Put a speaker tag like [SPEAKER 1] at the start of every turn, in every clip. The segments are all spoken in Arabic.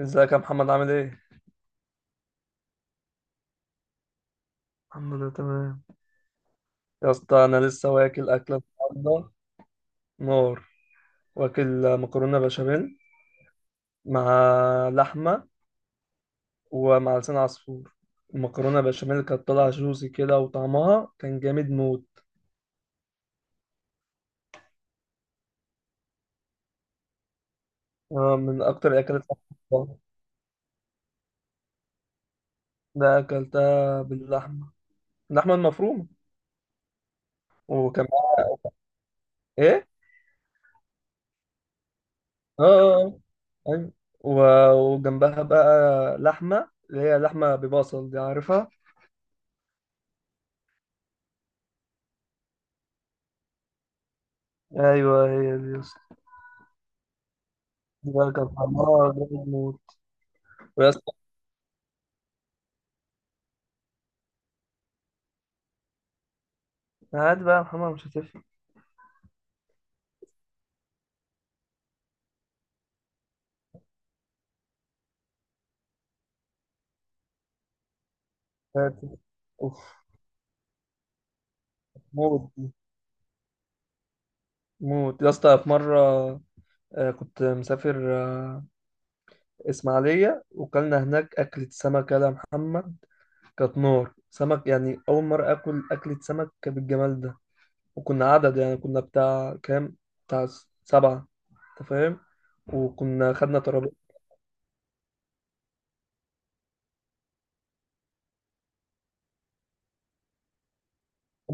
[SPEAKER 1] ازيك يا محمد، عامل ايه؟ الحمد لله، تمام. يا اسطى، انا لسه واكل اكله النهارده، نار. واكل مكرونه بشاميل مع لحمه ومع لسان عصفور. المكرونه بشاميل كانت طالعه جوسي كده، وطعمها كان جامد موت. آه، من اكتر الاكلات اللي بحبها. ده اكلتها باللحمه، اللحمه المفرومه. وكان معاها ايه؟ اه. آه. آه. ايوه. وجنبها بقى لحمه، اللي هي لحمه ببصل دي، عارفها؟ ايوه، هي دي. ده كان حمار جامد موت. ويا اسطى، هات بقى يا محمد، مش هتفرق. هات. اوف. موت دي. موت يا اسطى. في مرة كنت مسافر، إسماعيلية، وكلنا هناك أكلة سمك يا محمد. كانت نار سمك، يعني أول مرة آكل أكلة سمك بالجمال ده. وكنا عدد، يعني كنا بتاع كام، بتاع سبعة، أنت فاهم. وكنا خدنا ترابيزة.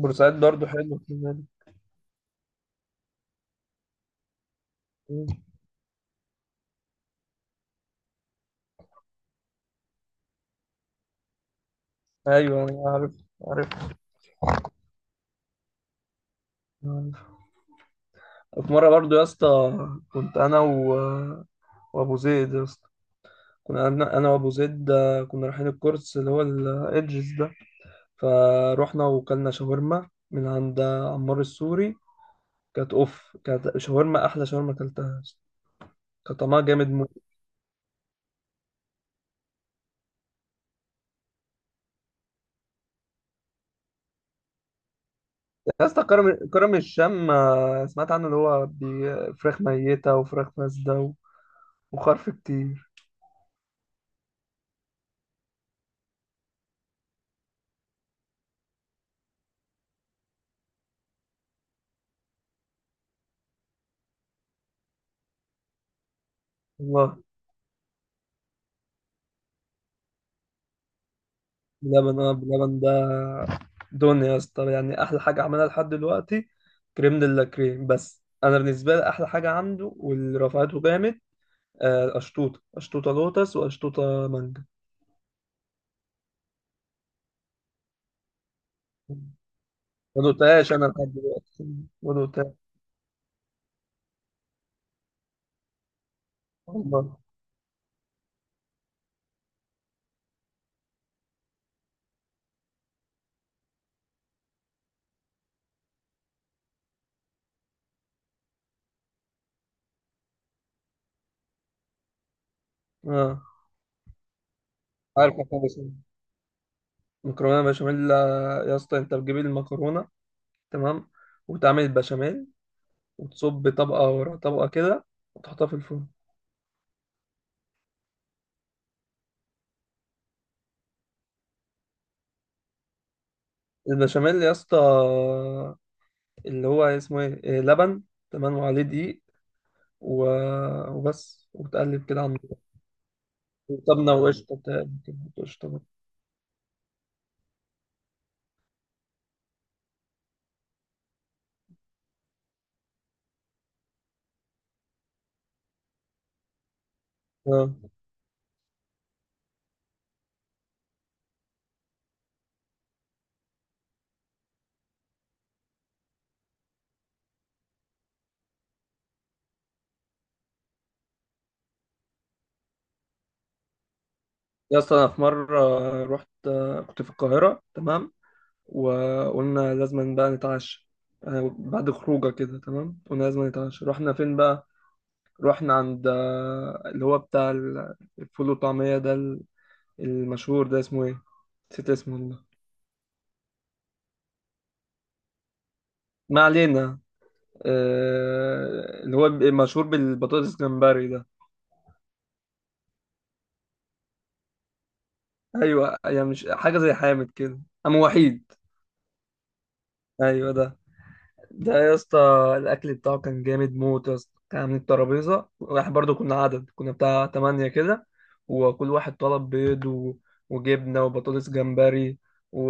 [SPEAKER 1] بورسعيد برضه حلو. أيوه، أنا عارف، عارف. في مرة برضو يا اسطى، كنت أنا وأبو زيد يا اسطى. كنا أنا وأبو زيد. كنا رايحين الكورس اللي هو الإدجز ده. فروحنا وكلنا شاورما من عند عمار السوري. كانت أوف، كانت شاورما، أحلى شاورما أكلتها يا اسطى. كان طعمها جامد موت. يا اسطى، كرم الشام، سمعت عنه، اللي هو فراخ ميتة وفراخ فاسدة وخرف كتير. والله. بلبن ده دنيا يا اسطى، يعني احلى حاجه عملها لحد دلوقتي. كريم دي لا كريم، بس انا بالنسبه لي احلى حاجه عنده واللي رفعته جامد، اشطوطه، اشطوطه لوتس واشطوطه مانجا. ما دقتهاش انا لحد دلوقتي، ما دقتهاش، والله. اه، عارف خالص. مكرونه بشاميل، يا اسطى، انت بتجيب المكرونه، تمام، وتعمل البشاميل، وتصب طبقه ورا طبقه كده، وتحطها في الفرن. البشاميل يا اسطى، اللي هو اسمه ايه، لبن، تمام، وعليه دقيق و... وبس، وتقلب كده عند، وسمنة وقشطة، بتحط قشطة بقى. اه يا اسطى، أنا في مرة رحت، كنت في القاهرة، تمام. وقلنا لازم بقى نتعشى، بعد خروجة كده، تمام، قلنا لازم نتعشى. رحنا فين بقى؟ رحنا عند، اللي هو بتاع الفول والطعمية ده، المشهور ده. اسمه ايه؟ نسيت اسمه، والله. ما علينا. اللي هو مشهور بالبطاطس جمبري ده. ايوه، يعني مش حاجه زي حامد كده. وحيد. ايوه ده. ده يا اسطى، الاكل بتاعه كان جامد موت يا اسطى. كان عاملين الترابيزه، واحنا برضو كنا عدد، كنا بتاع تمانية كده. وكل واحد طلب بيض وجبنه وبطاطس جمبري، و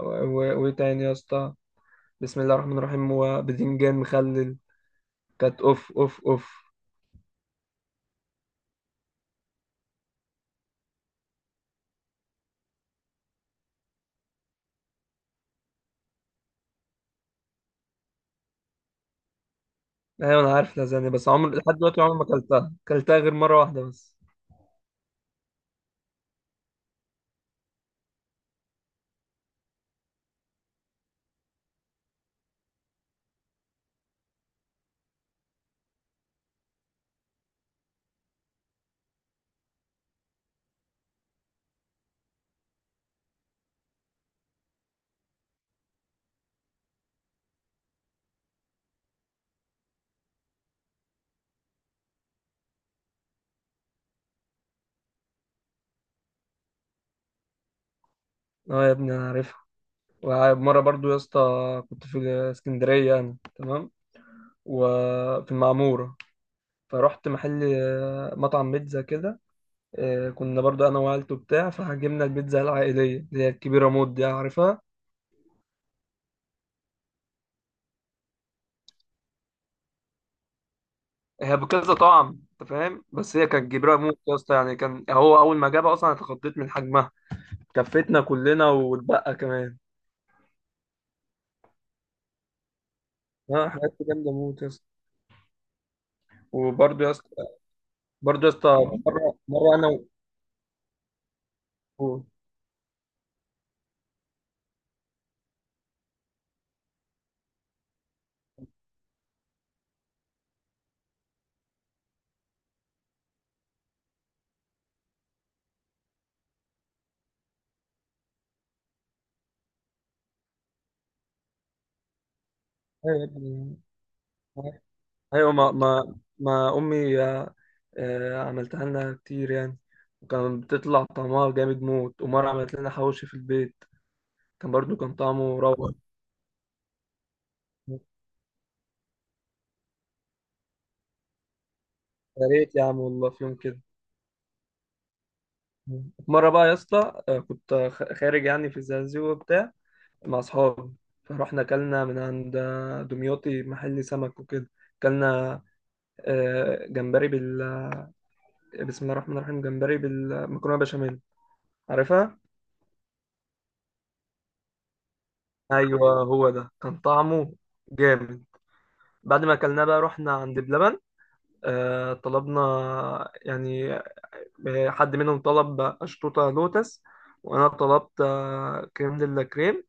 [SPEAKER 1] و- وايه تاني يا اسطى؟ بسم الله الرحمن الرحيم، وباذنجان مخلل. كانت اوف اوف اوف. ايوه، انا عارف لازانيا، بس عمر لحد دلوقتي، عمري ما اكلتها، اكلتها غير مره واحده بس. اه يا ابني، انا عارفها. ومرة برضو يا اسطى، كنت في اسكندرية أنا، تمام. وفي المعمورة، فرحت محل، مطعم بيتزا كده. كنا برضو أنا وعيلته بتاع، فجبنا البيتزا العائلية، اللي هي الكبيرة موت دي، عارفها؟ هي بكذا طعم، أنت فاهم، بس هي كانت كبيرة موت يا اسطى. يعني كان هو أول ما جابها، أصلا أنا اتخضيت من حجمها. كفتنا كلنا واتبقى كمان. ها، حاجات جامدة موت يا اسطى. وبرضو يا اسطى برضو يا اسطى، مرة مرة أنا. و... أيوة يا ابني. ايوه، ما امي، عملتها لنا كتير يعني. وكان بتطلع طعمها جامد موت. ومرة عملت لنا حواوشي في البيت، كان برضو كان طعمه روعة. يا ريت يا عم، والله، في يوم كده. مرة بقى يا اسطى، كنت خارج يعني في الزقازيق وبتاع، مع أصحابي. فروحنا أكلنا من عند، دمياطي، محل سمك وكده. أكلنا جمبري بسم الله الرحمن الرحيم، جمبري بالمكرونة بشاميل، عارفها؟ أيوه، هو ده كان طعمه جامد. بعد ما اكلناه بقى، رحنا عند بلبن. طلبنا يعني، حد منهم طلب اشطوطه لوتس، وانا طلبت كريم دي لا كريم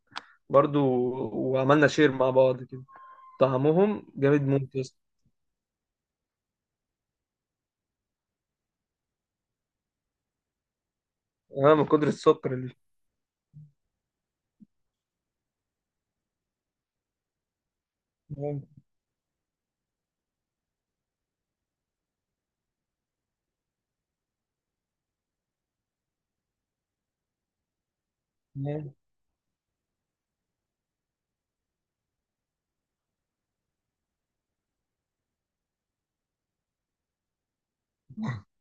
[SPEAKER 1] برضو. وعملنا شير مع بعض كده. طعمهم جامد موت يا اسطى. اه، من كتر السكر اللي فيه. نعم.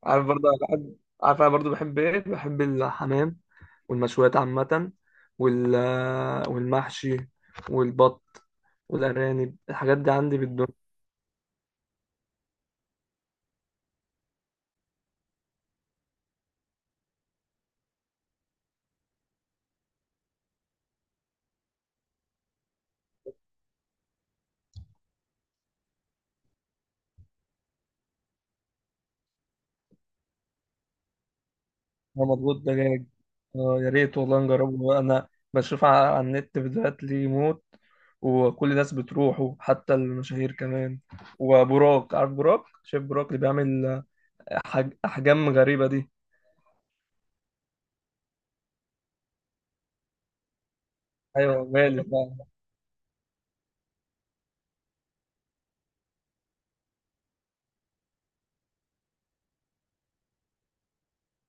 [SPEAKER 1] عارف، برضه أنا بحب، عارف، انا برضه بحب ايه، بحب الحمام والمشويات عامة، والمحشي والبط والأرانب. الحاجات دي عندي بالدنيا. انا مضغوط دجاج، اه يا ريت والله نجربه. انا بشوف على النت فيديوهات ليه موت. وكل الناس بتروحه، حتى المشاهير كمان. وبراك، عارف براك، شايف براك اللي بيعمل احجام غريبة دي. ايوه، غالي فعلا.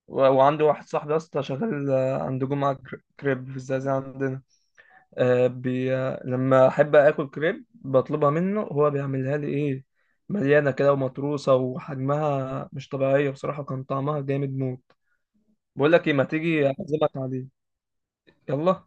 [SPEAKER 1] وعندي واحد صاحبي اصلا شغال، عند جمعة كريب في الزقازيق عندنا. لما احب اكل كريب بطلبها منه، هو بيعملها لي ايه، مليانة كده ومطروسة، وحجمها مش طبيعية بصراحة. كان طعمها جامد موت. بقول لك ايه، ما تيجي اعزمك عليه؟ يلا.